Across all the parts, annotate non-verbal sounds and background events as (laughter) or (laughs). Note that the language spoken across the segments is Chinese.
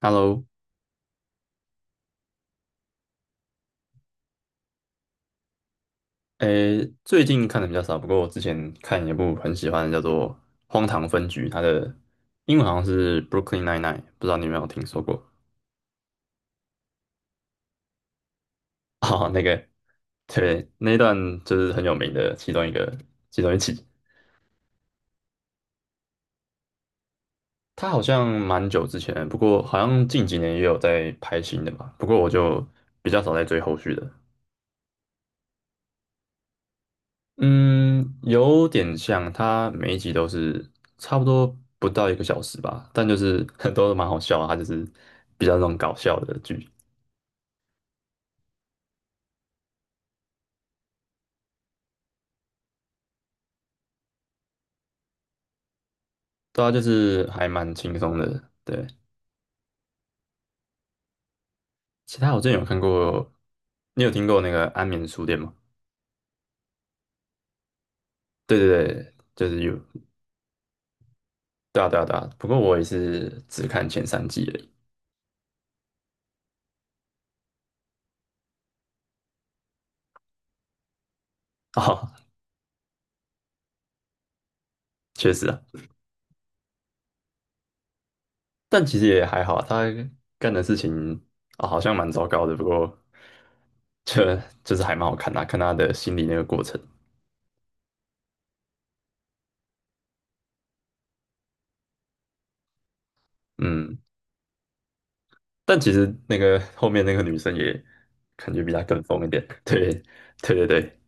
Hello，诶，最近看的比较少，不过我之前看一部很喜欢的，叫做《荒唐分局》，它的英文好像是《Brooklyn Nine-Nine》，不知道你有没有听说过？(laughs) 哦，那个，对，那一段就是很有名的其中一个，其中一集。它好像蛮久之前，不过好像近几年也有在拍新的吧，不过我就比较少在追后续的。嗯，有点像，它每一集都是差不多不到一个小时吧，但就是很多 (laughs) 都蛮好笑啊，它就是比较那种搞笑的剧，对啊，就是还蛮轻松的。对，其他我之前有看过，你有听过那个《安眠书店》吗？对对对，就是有，对啊对啊对啊。不过我也是只看前三季而已。(laughs) 哦，确实啊。但其实也还好，他干的事情啊、好像蛮糟糕的，不过这就是还蛮好看的啊看他的心理那个过程。嗯，但其实那个后面那个女生也感觉比他更疯一点。(laughs) 对，对对对，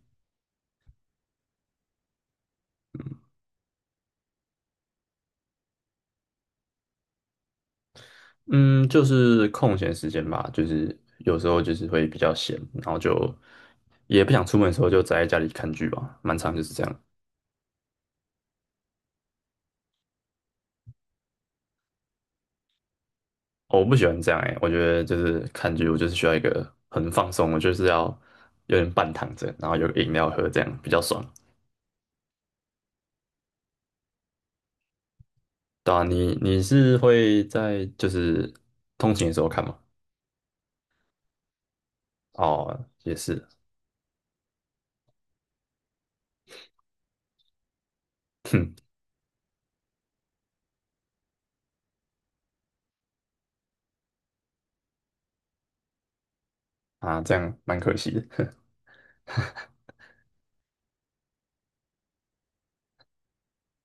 嗯，就是空闲时间吧，就是有时候就是会比较闲，然后就也不想出门的时候就宅在家里看剧吧，蛮长就是这样。哦我不喜欢这样哎、我觉得就是看剧，我就是需要一个很放松，我就是要有点半躺着，然后有个饮料喝，这样比较爽。对啊，你是会在就是通勤的时候看吗？哦，也是，哼啊，这样蛮可惜的。(laughs)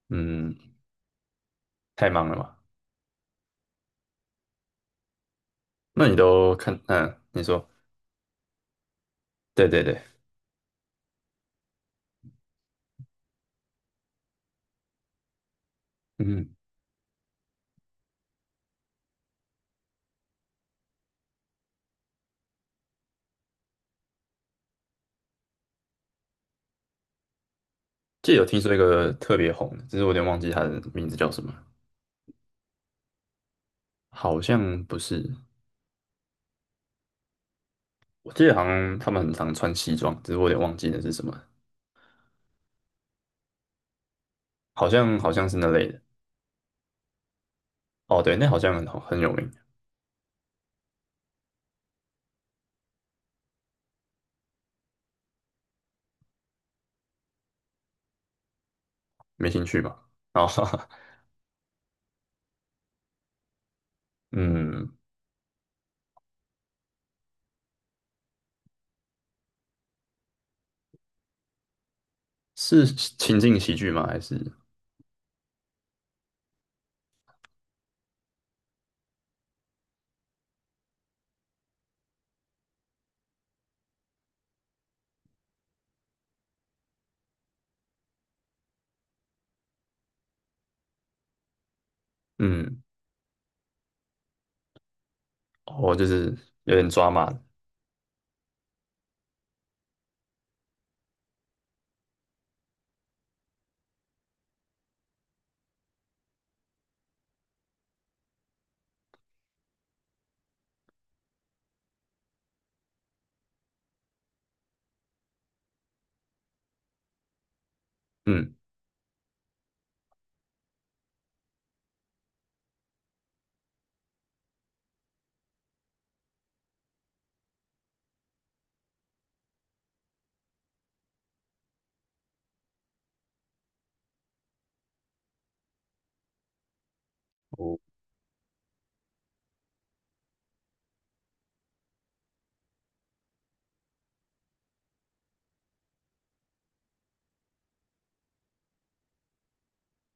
嗯，太忙了嘛。那你都看？嗯，你说，对对对，嗯，记得有听说一个特别红的，只是我有点忘记他的名字叫什么，好像不是，我记得好像他们很常穿西装，只是我有点忘记那是什么。好像是那类的。哦，对，那好像很有名，没兴趣吧？然后，(laughs) 嗯，是情境喜剧吗？还是嗯，哦，就是有点抓马的嗯，哦，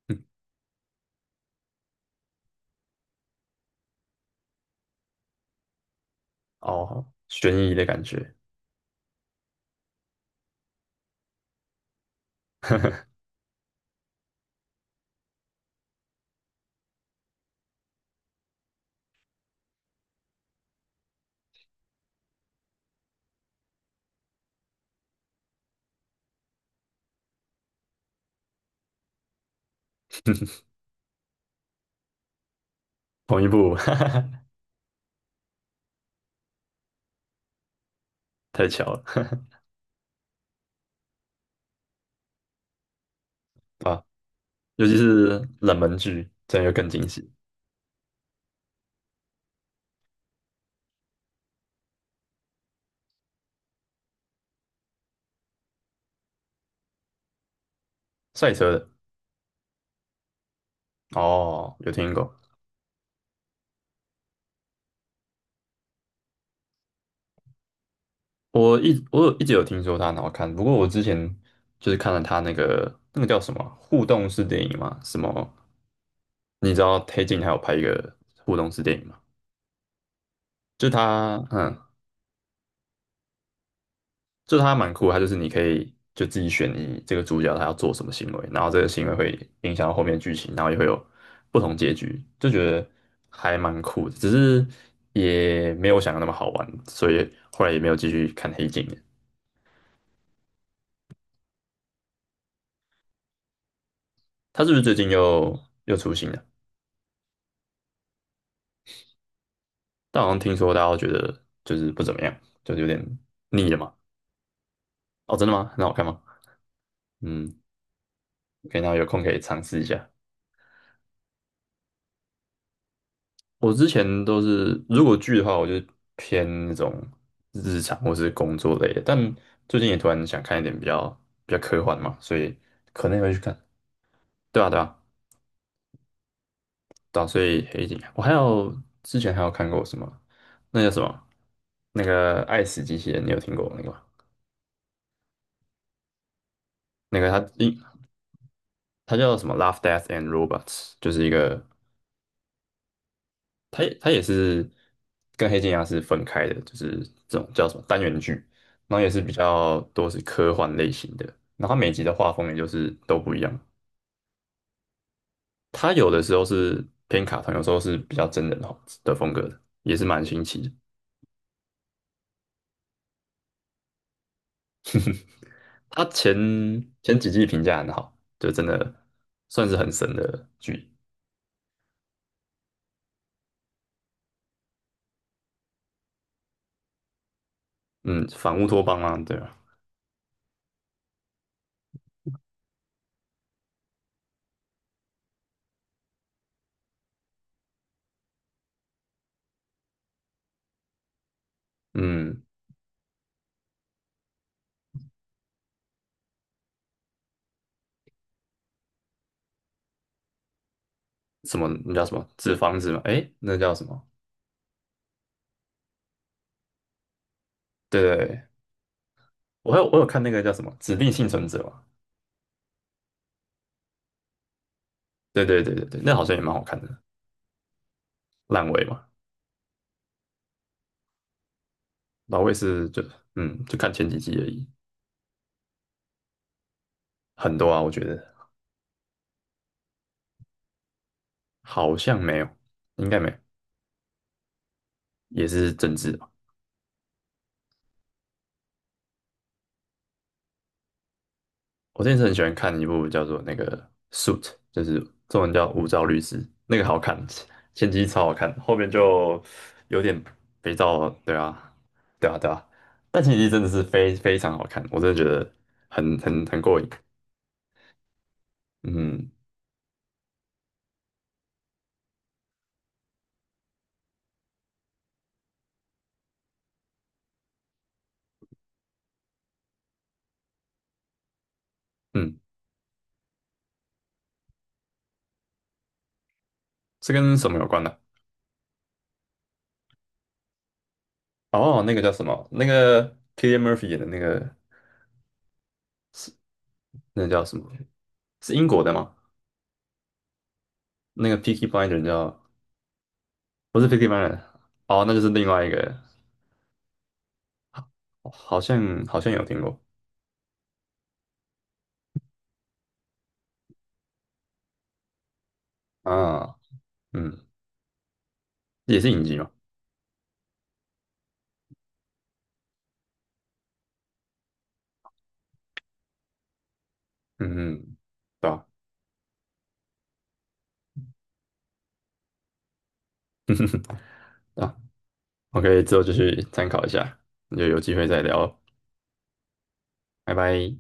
嗯哦，悬疑的感觉，同一部，(laughs) 哈哈太巧了，(laughs) 啊，尤其是冷门剧，这样又更惊喜。赛车的，哦，有听过，我有一直有听说它很好看，不过我之前就是看了它那个叫什么互动式电影嘛，什么你知道黑镜还有拍一个互动式电影吗？就它，嗯，就它蛮酷的，它就是你可以就自己选你这个主角他要做什么行为，然后这个行为会影响到后面的剧情，然后也会有不同结局，就觉得还蛮酷的，只是也没有我想的那么好玩，所以后来也没有继续看黑镜了。它是不是最近又出新了？但好像听说大家都觉得就是不怎么样，就是有点腻了嘛。哦，真的吗？很好看吗？嗯，可以，那有空可以尝试一下。我之前都是，如果剧的话，我就偏那种日常或是工作类的。但最近也突然想看一点比较科幻嘛，所以可能也会去看。对啊，对啊，对啊。所以黑镜啊，我还有之前还有看过什么，那叫什么？那个《爱死机器人》，你有听过那个吗？那个它英它叫什么《Love, Death and Robots》，就是一个它也是跟黑镜一样是分开的，就是这种叫什么单元剧，然后也是比较多是科幻类型的，然后它每集的画风也就是都不一样，它有的时候是偏卡通，有时候是比较真人化的风格的，也是蛮新奇的。它前几季评价很好，就真的算是很神的剧，嗯，反乌托邦啊，对吧？嗯，什么那叫什么纸房子嘛？诶，那叫什么？对对对，我有看那个叫什么《指定幸存者》嘛，对对对对对，那好像也蛮好看的，烂尾嘛，老尾是就嗯，就看前几集而已，很多啊，我觉得好像没有，应该没有，也是政治吧。我之前是很喜欢看一部叫做那个《Suit》，就是中文叫《无照律师》，那个好看，前几季超好看，后面就有点肥皂，对啊，对啊，对啊，但前几季真的是非常好看，我真的觉得很过瘾，嗯嗯，是跟什么有关呢、哦，那个叫什么？那个 Kilia Murphy 演的那个是那叫什么？是英国的吗？那个 p i c k y Blinder 叫不是 Picky Blinder 哦，那就是另外一个，哦好像有听过啊，嗯，也是影集嘛，嗯嗯，对吧？啊，我可以之后就去参考一下，那就有机会再聊哦，拜拜。